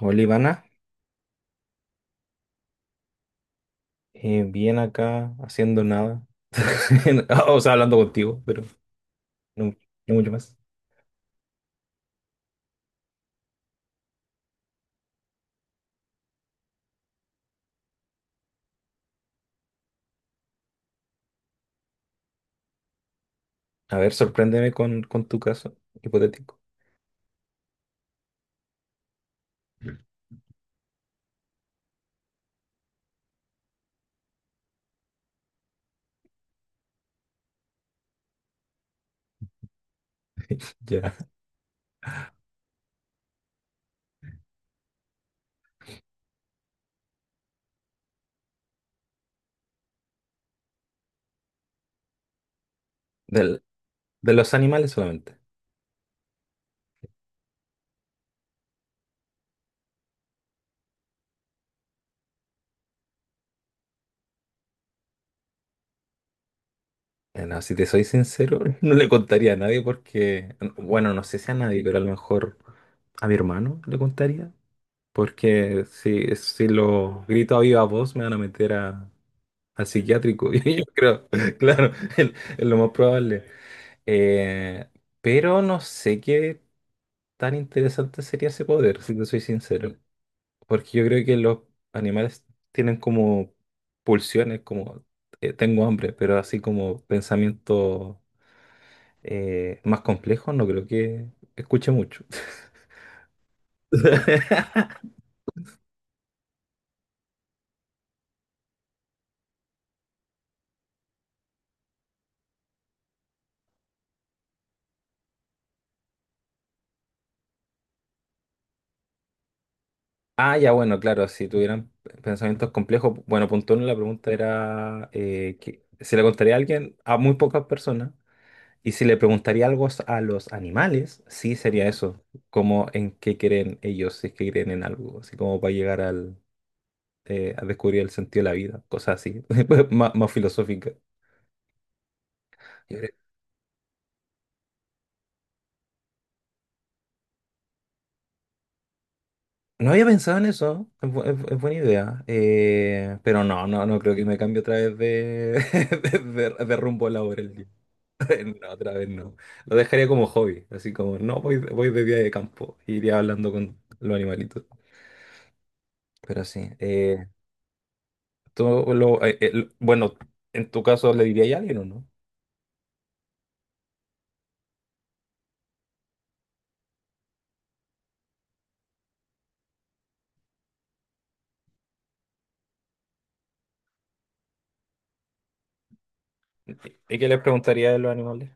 Hola, Ivana. Bien acá haciendo nada. O sea, hablando contigo, pero no, no mucho más. A ver, sorpréndeme con, tu caso hipotético. Ya. Del- de los animales solamente. No, si te soy sincero, no le contaría a nadie porque, bueno, no sé si a nadie, pero a lo mejor a mi hermano le contaría, porque si lo grito a viva voz me van a meter al psiquiátrico, y yo creo, claro, es es lo más probable. Eh, pero no sé qué tan interesante sería ese poder, si te soy sincero. Porque yo creo que los animales tienen como pulsiones, como tengo hambre, pero así como pensamiento más complejo, no creo que escuche mucho. Ah, ya, bueno, claro, si tuvieran pensamientos complejos, bueno, punto uno, la pregunta era que se le contaría a alguien, a muy pocas personas. Y si le preguntaría algo a los animales, sí sería eso, como en qué creen ellos, si es que creen en algo, así como para llegar a descubrir el sentido de la vida, cosas así, más filosófica. Yo creo- No había pensado en eso, es buena idea, pero no creo que me cambie otra vez de, de, de rumbo laboral. No, otra vez no. Lo dejaría como hobby, así como, no, voy de día de campo, iría hablando con los animalitos. Pero sí. Tú bueno, en tu caso, ¿le diría a alguien o no? ¿Y qué le preguntaría de los animales?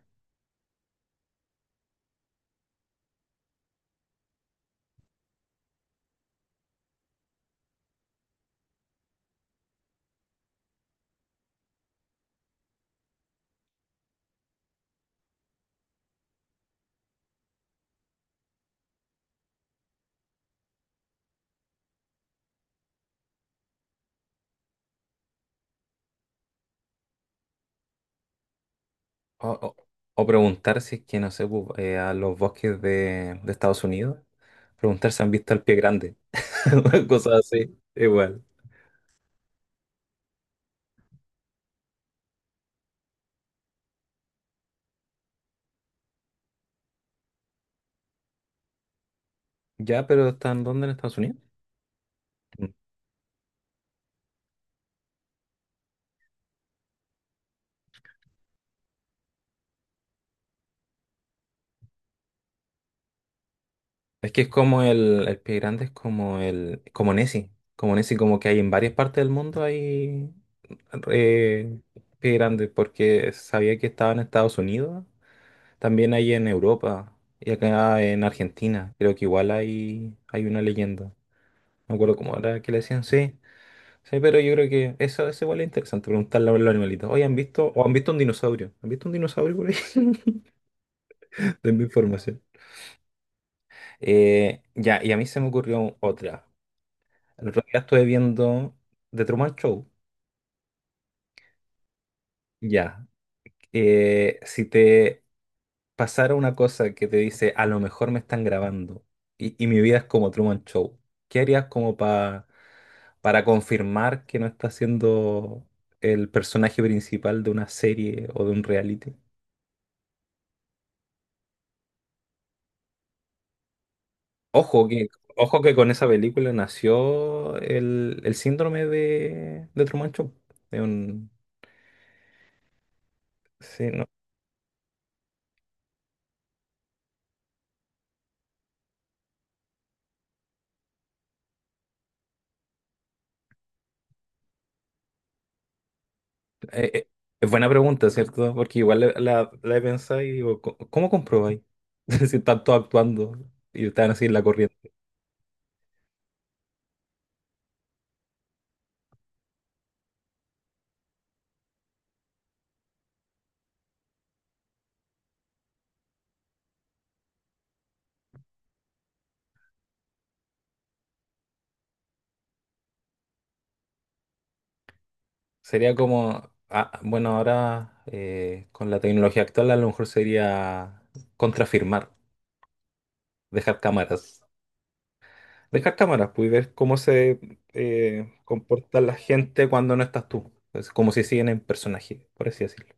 O, o- o preguntar si es que, no sé, a los bosques de Estados Unidos, preguntar si han visto al pie grande, cosas así, igual. Ya, pero ¿están dónde en Estados Unidos? Mm. Es que es como el pie grande, es como como Nessie, como que hay en varias partes del mundo hay eh, pie grande, porque sabía que estaba en Estados Unidos. También hay en Europa y acá en Argentina. Creo que igual hay una leyenda. No me acuerdo cómo era que le decían, sí. Sí, pero yo creo que eso, igual es interesante preguntarle a los animalitos. Oye, han visto un dinosaurio? ¿Han visto un dinosaurio por ahí? Denme información. Ya, y a mí se me ocurrió otra. El otro día estuve viendo The Truman Show. Ya. Si te pasara una cosa que te dice, a lo mejor me están grabando y, mi vida es como Truman Show, ¿qué harías como para confirmar que no estás siendo el personaje principal de una serie o de un reality? Ojo que, Ojo que con esa película nació el síndrome de Truman Show. Es un- sí, no, eh, eh, es buena pregunta, ¿cierto? Porque igual la he pensado y digo, ¿Cómo comprobáis si están todos actuando y están así en la corriente?" Sería como, ah, bueno, ahora con la tecnología actual a lo mejor sería contrafirmar, dejar cámaras. Dejar cámaras, pues, y ver cómo se comporta la gente cuando no estás tú. Es como si siguen en personaje, por así decirlo.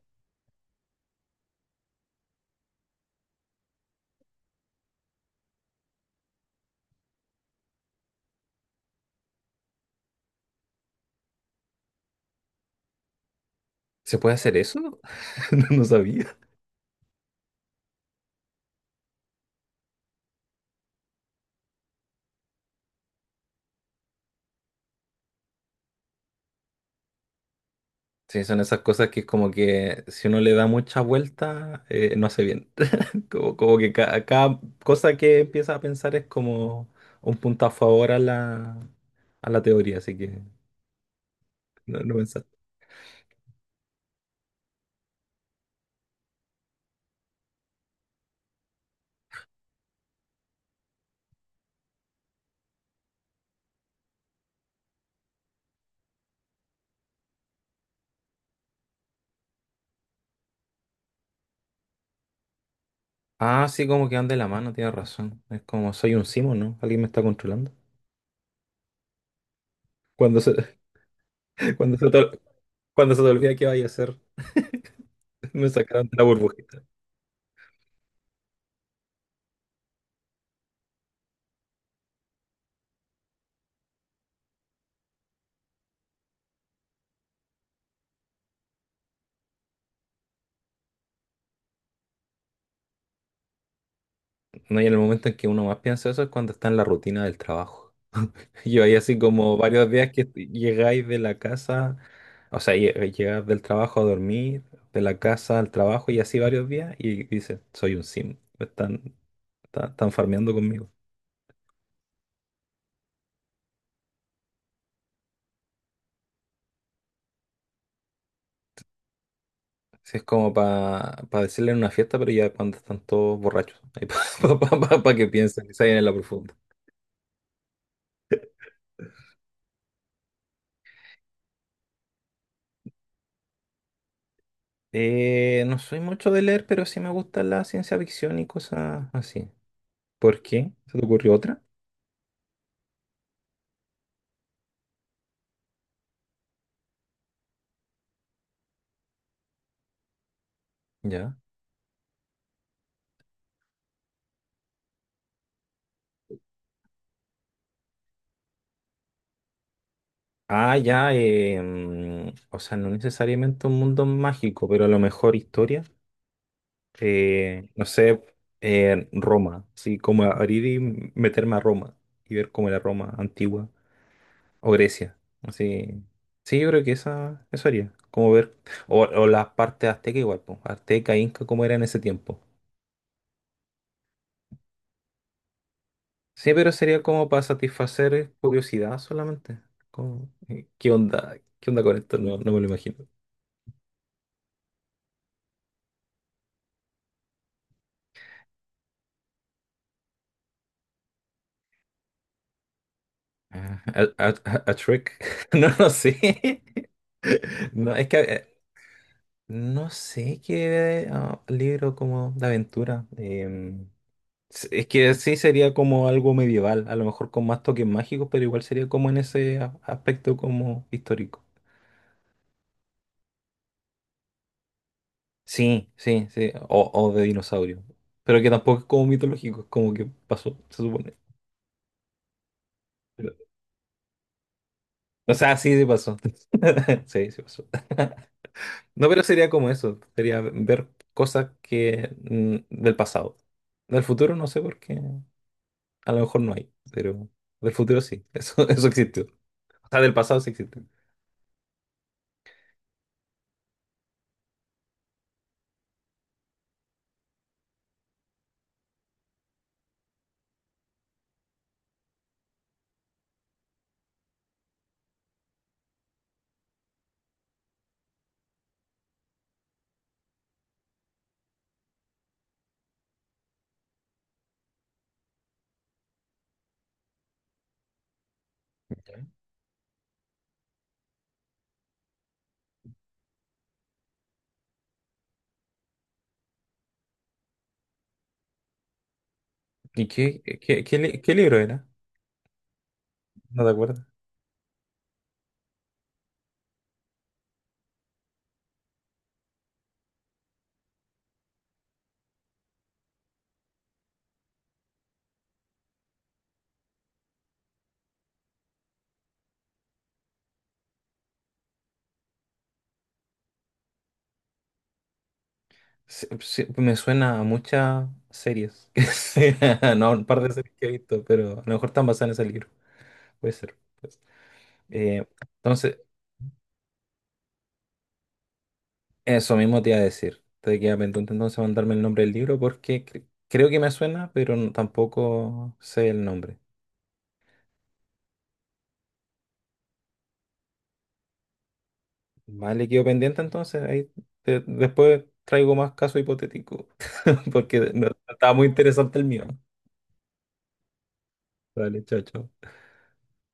¿Se puede hacer eso? No, no sabía. Sí, son esas cosas que como que si uno le da mucha vuelta, no hace bien. Como que cada cosa que empieza a pensar es como un punto a favor a la teoría, así que no pensar. Ah, sí, como que anda de la mano, tienes razón. Es como soy un simo, ¿no? Alguien me está controlando. Cuando se, cuando se te, cuando se te olvida qué vaya a hacer, me sacaron de la burbujita. No, y en el momento en que uno más piensa eso es cuando está en la rutina del trabajo. Yo ahí así como varios días que llegáis de la casa. O sea, llegar del trabajo a dormir, de la casa al trabajo y así varios días y dice, soy un sim, me están farmeando conmigo. Si es como para decirle en una fiesta, pero ya cuando están todos borrachos, para que piensen, que se vayan en la profunda. No soy mucho de leer, pero sí me gusta la ciencia ficción y cosas así. ¿Por qué? ¿Se te ocurrió otra? Ya. Ah, ya, o sea, no necesariamente un mundo mágico, pero a lo mejor historia. No sé, en Roma, así como abrir y meterme a Roma y ver cómo era Roma antigua o Grecia, así. Sí, yo creo que esa, eso haría, como ver, o las partes azteca igual, pues, azteca, inca, cómo era en ese tiempo. Sí, pero sería como para satisfacer curiosidad solamente. Como, ¿qué onda? ¿Qué onda con esto? No, no me lo imagino. Ah, a trick. No, no sé. No, es que no sé qué libro como de aventura. Es que sí sería como algo medieval, a lo mejor con más toques mágicos, pero igual sería como en ese aspecto como histórico. Sí, sí, sí. O de dinosaurio. Pero que tampoco es como mitológico, es como que pasó, se supone. Pero- o sea, sí, sí pasó. Sí, sí pasó. No, pero sería como eso. Sería ver cosas que del pasado. Del futuro no sé por qué. A lo mejor no hay, pero del futuro sí. Eso, eso existió. O sea, del pasado sí existe. ¿Y qué libro era? No te acuerdas. Me suena a muchas series. No, un par de series que he visto, pero a lo mejor están basadas en ese libro. Puede ser, pues. Eh, entonces, eso mismo te iba a decir. Te queda pendiente entonces mandarme el nombre del libro porque creo que me suena, pero tampoco sé el nombre. Vale, quedo pendiente entonces. Ahí después traigo más casos hipotéticos. Porque no estaba muy interesante el mío. Vale, chao, chao.